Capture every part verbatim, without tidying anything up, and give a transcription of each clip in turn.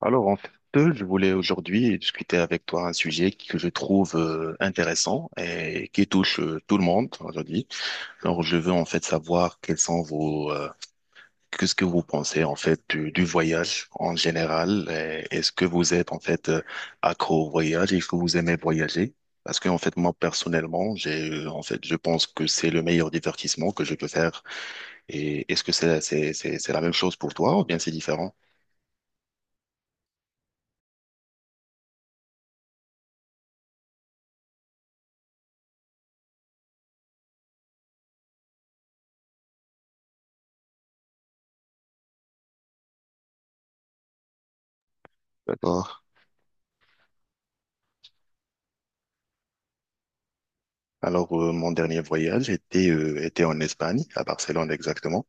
Alors, en fait, je voulais aujourd'hui discuter avec toi un sujet que je trouve euh, intéressant et qui touche euh, tout le monde aujourd'hui. Alors, je veux en fait savoir quels sont vos, euh, qu'est-ce que vous pensez en fait du, du voyage en général. Et est-ce que vous êtes en fait euh, accro au voyage? Est-ce que vous aimez voyager? Parce que en fait, moi personnellement, j'ai euh, en fait, je pense que c'est le meilleur divertissement que je peux faire, et est-ce que c'est, c'est, c'est, c'est la même chose pour toi ou bien c'est différent? D'accord. Alors, euh, mon dernier voyage était, euh, était en Espagne, à Barcelone exactement,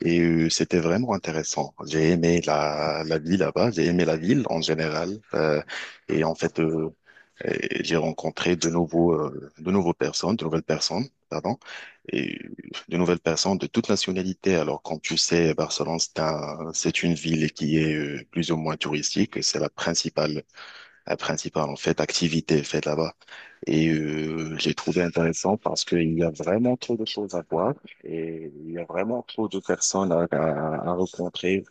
et euh, c'était vraiment intéressant. J'ai aimé la, la vie là-bas, j'ai aimé la ville en général. euh, et en fait, euh, Et j'ai rencontré de nouveaux, euh, de nouveaux personnes, de nouvelles personnes, pardon, et de nouvelles personnes de toutes nationalités. Alors, comme tu sais, Barcelone, c'est un- c'est une ville qui est euh, plus ou moins touristique, et c'est la principale, la principale, en fait, activité faite là-bas. Et euh, j'ai trouvé intéressant parce qu'il y a vraiment trop de choses à voir, et il y a vraiment trop de personnes à, à, à rencontrer.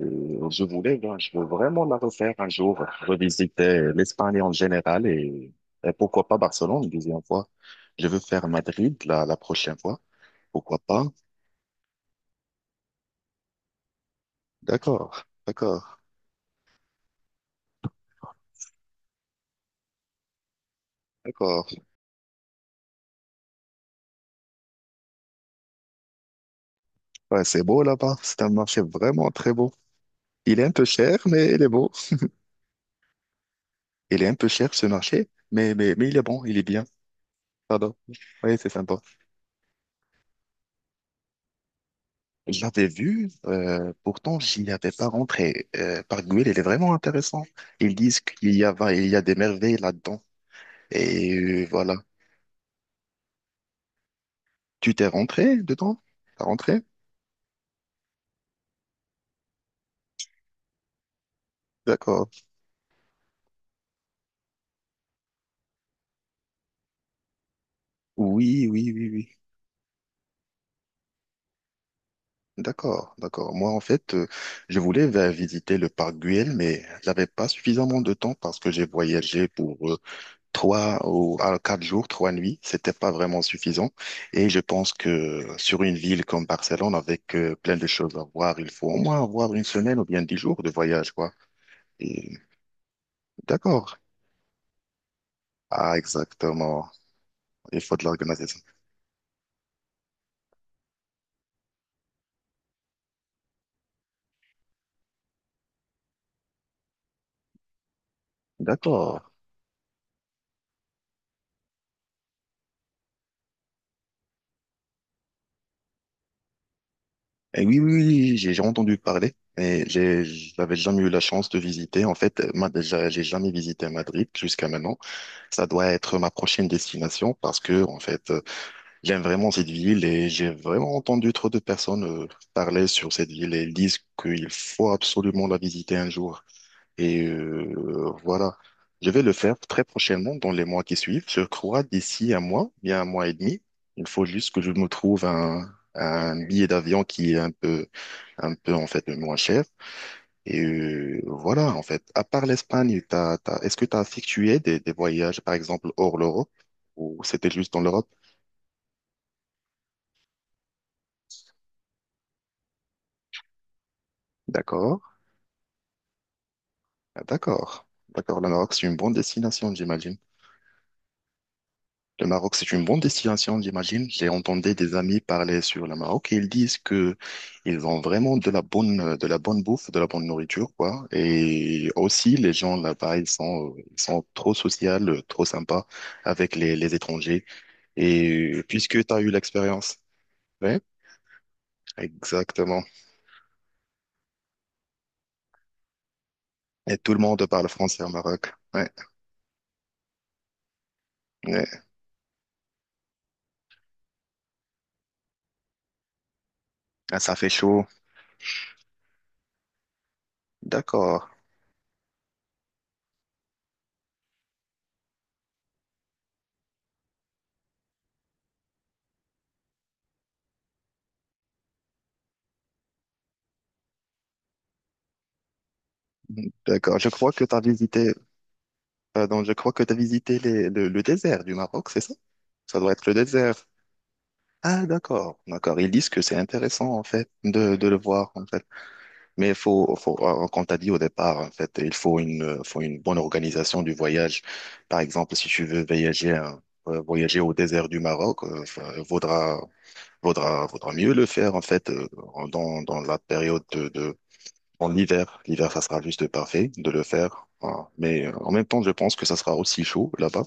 euh, je voulais, voir- Je veux vraiment la refaire un jour, revisiter l'Espagne en général, et, et pourquoi pas Barcelone une deuxième fois. Je veux faire Madrid la, la prochaine fois. Pourquoi pas? D'accord, d'accord, d'accord. Ouais, c'est beau là-bas. C'est un marché vraiment très beau. Il est un peu cher, mais il est beau. Il est un peu cher ce marché, mais, mais, mais il est bon, il est bien. Pardon. Oui, c'est sympa. J'avais vu, euh, pourtant j'y avais pas rentré. Euh, par Il est vraiment intéressant. Ils disent qu'il y a, va- il y a des merveilles là-dedans. Et euh, voilà. Tu t'es rentré dedans? T'as rentré? D'accord. Oui, oui, oui, oui. D'accord, d'accord. Moi, en fait, euh, je voulais euh, visiter le parc Güell, mais j'avais pas suffisamment de temps parce que j'ai voyagé pour euh, trois ou à quatre jours, trois nuits, c'était pas vraiment suffisant. Et je pense que sur une ville comme Barcelone, avec euh, plein de choses à voir, il faut au moins avoir une semaine ou bien dix jours de voyage, quoi. Et d'accord. Ah, exactement. Il faut de l'organisation. D'accord. Et oui, oui, oui, j'ai j'ai entendu parler, mais j'ai, j'avais jamais eu la chance de visiter. En fait, moi, déjà, j'ai jamais visité Madrid jusqu'à maintenant. Ça doit être ma prochaine destination parce que, en fait, j'aime vraiment cette ville et j'ai vraiment entendu trop de personnes euh, parler sur cette ville et disent qu'il faut absolument la visiter un jour. Et euh, voilà, je vais le faire très prochainement dans les mois qui suivent. Je crois d'ici un mois, bien un mois et demi. Il faut juste que je me trouve un, un billet d'avion qui est un peu, un peu en fait moins cher. Et euh, voilà, en fait, à part l'Espagne, t'as, t'as- est-ce que tu as effectué des, des voyages, par exemple, hors l'Europe, ou c'était juste dans l'Europe? D'accord. Ah, d'accord, d'accord. Le Maroc, c'est une bonne destination, j'imagine. Le Maroc, c'est une bonne destination, j'imagine. J'ai entendu des amis parler sur le Maroc et ils disent que ils ont vraiment de la bonne, de la bonne bouffe, de la bonne nourriture, quoi. Et aussi, les gens là-bas, ils sont, ils sont trop sociaux, trop sympas avec les, les étrangers. Et puisque tu as eu l'expérience. Ouais, exactement. Et tout le monde parle français au Maroc. Ouais, ouais. Ah, ça fait chaud. D'accord. D'accord. Je crois que tu as visité Euh, donc, je crois que tu as visité les- le, le désert du Maroc, c'est ça? Ça doit être le désert. Ah, d'accord, d'accord. Ils disent que c'est intéressant, en fait, de, de le voir, en fait. Mais il faut, faut, euh, comme t'as dit au départ, en fait, il faut une, euh, faut une bonne organisation du voyage. Par exemple, si tu veux voyager, hein, euh, voyager au désert du Maroc, euh, enfin, vaudra, vaudra, vaudra mieux le faire, en fait, euh, dans, dans la période de de, en hiver, l'hiver, ça sera juste parfait de le faire. Voilà. Mais euh, en même temps, je pense que ça sera aussi chaud là-bas,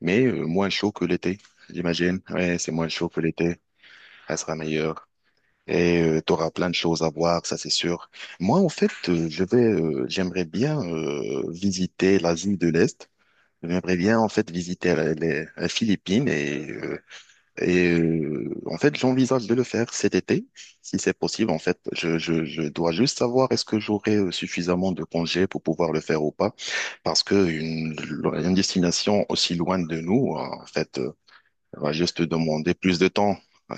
mais euh, moins chaud que l'été, j'imagine. Ouais, c'est moins chaud que l'été. Ça sera meilleur. Et tu auras plein de choses à voir, ça c'est sûr. Moi, en fait, euh, je vais, euh, j'aimerais bien euh, visiter l'Asie de l'Est. J'aimerais bien, en fait, visiter la- les, les Philippines, et euh, et euh, en fait, j'envisage de le faire cet été, si c'est possible. En fait, je, je, je dois juste savoir est-ce que j'aurai euh, suffisamment de congés pour pouvoir le faire ou pas, parce que une, une destination aussi loin de nous, euh, en fait, euh, va juste demander plus de temps. Ouais.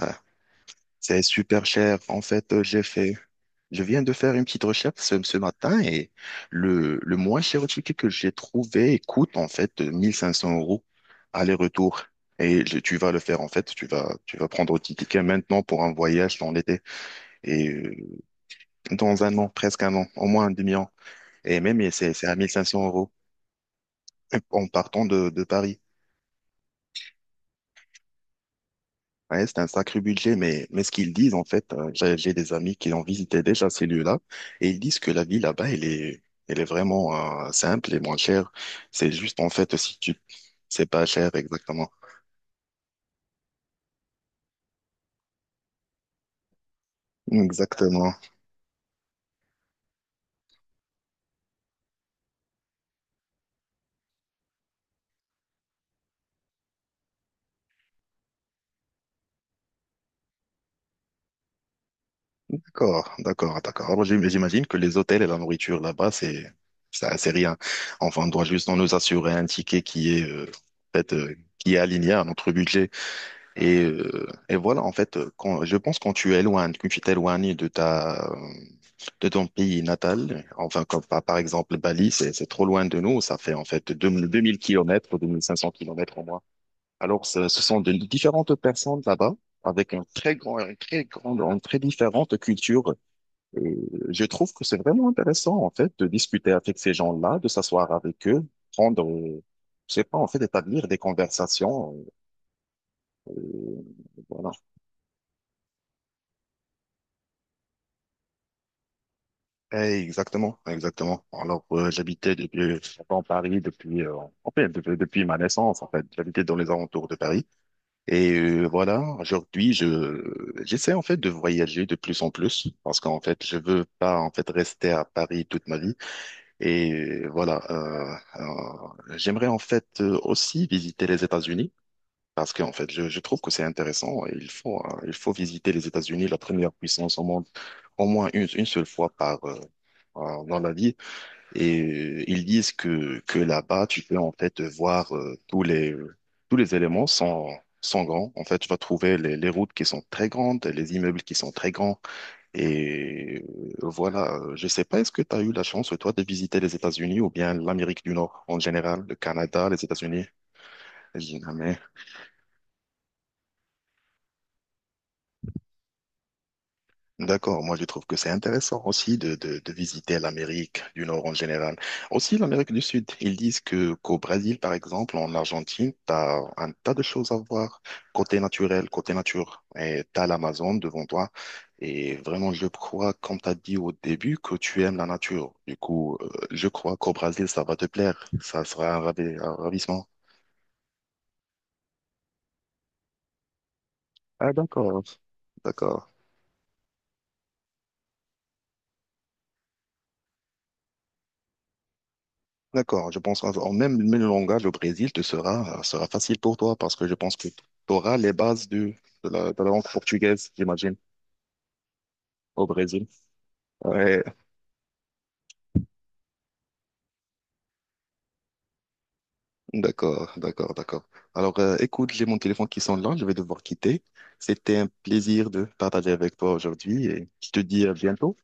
C'est super cher. En fait, euh, j'ai fait je viens de faire une petite recherche ce, ce matin, et le, le moins cher ticket que j'ai trouvé coûte en fait mille cinq cents euros aller-retour. Et je- tu vas le faire en fait, tu vas, tu vas prendre ton ticket maintenant pour un voyage dans l'été, et euh, dans un an, presque un an, au moins un demi-an. Et même et c'est c'est à mille cinq cents euros euh, en partant de, de Paris. Ouais, c'est un sacré budget, mais, mais ce qu'ils disent, en fait, euh, j'ai j'ai des amis qui ont visité déjà ces lieux-là, et ils disent que la vie là-bas, elle est, elle est vraiment euh, simple et moins chère. C'est juste, en fait, si tu... C'est pas cher, exactement. Exactement. D'accord, d'accord, d'accord. Alors, j'im- j'imagine que les hôtels et la nourriture là-bas, c'est, ça, c'est rien. Enfin, on doit juste en nous assurer un ticket qui est, euh, en fait, euh, qui est aligné à notre budget. Et, euh, et voilà, en fait, euh, quand, je pense quand tu éloignes, quand tu t'éloignes de ta, de ton pays natal, enfin, comme par, par exemple Bali, c'est, c'est trop loin de nous, ça fait en fait deux mille deux mille kilomètres, deux mille cinq cents kilomètres au moins. Alors, ce, ce sont de différentes personnes là-bas, avec un très grand, un très grande, une très différente culture. Et je trouve que c'est vraiment intéressant, en fait, de discuter avec ces gens-là, de s'asseoir avec eux, prendre, euh, je sais pas, en fait, établir des conversations. euh, voilà. Eh, exactement, exactement. Alors, euh, j'habitais depuis j'étais en Paris depuis, euh, en fait, depuis, depuis ma naissance, en fait. J'habitais dans les alentours de Paris. Et euh, voilà, aujourd'hui, je j'essaie en fait de voyager de plus en plus parce qu'en fait, je veux pas en fait rester à Paris toute ma vie. Et euh, voilà, euh, euh, j'aimerais en fait euh, aussi visiter les États-Unis. Parce qu'en fait, je, je trouve que c'est intéressant. Il faut, euh, il faut visiter les États-Unis, la première puissance au monde, au moins une, une seule fois par, euh, euh, dans la vie. Et euh, ils disent que, que là-bas, tu peux en fait voir euh, tous les, euh, tous les éléments sans, sans grands. En fait, tu vas trouver les, les routes qui sont très grandes, les immeubles qui sont très grands. Et euh, voilà, Euh, je sais pas, est-ce que tu as eu la chance, toi, de visiter les États-Unis ou bien l'Amérique du Nord en général, le Canada, les États-Unis? Jamais. D'accord, moi je trouve que c'est intéressant aussi de, de, de visiter l'Amérique du Nord en général. Aussi l'Amérique du Sud. Ils disent que qu'au Brésil, par exemple, en Argentine, tu as un tas de choses à voir côté naturel, côté nature. Et tu as l'Amazon devant toi. Et vraiment, je crois, comme tu as dit au début, que tu aimes la nature. Du coup, euh, je crois qu'au Brésil, ça va te plaire. Ça sera un ravi- un ravissement. Ah, d'accord. D'accord. D'accord, je pense en même, même le langage au Brésil te sera, sera facile pour toi, parce que je pense que tu auras les bases du- de, la, de la langue portugaise, j'imagine, au Brésil. Ouais, d'accord, d'accord, d'accord. Alors, euh, écoute, j'ai mon téléphone qui sonne là, je vais devoir quitter. C'était un plaisir de partager avec toi aujourd'hui et je te dis à bientôt.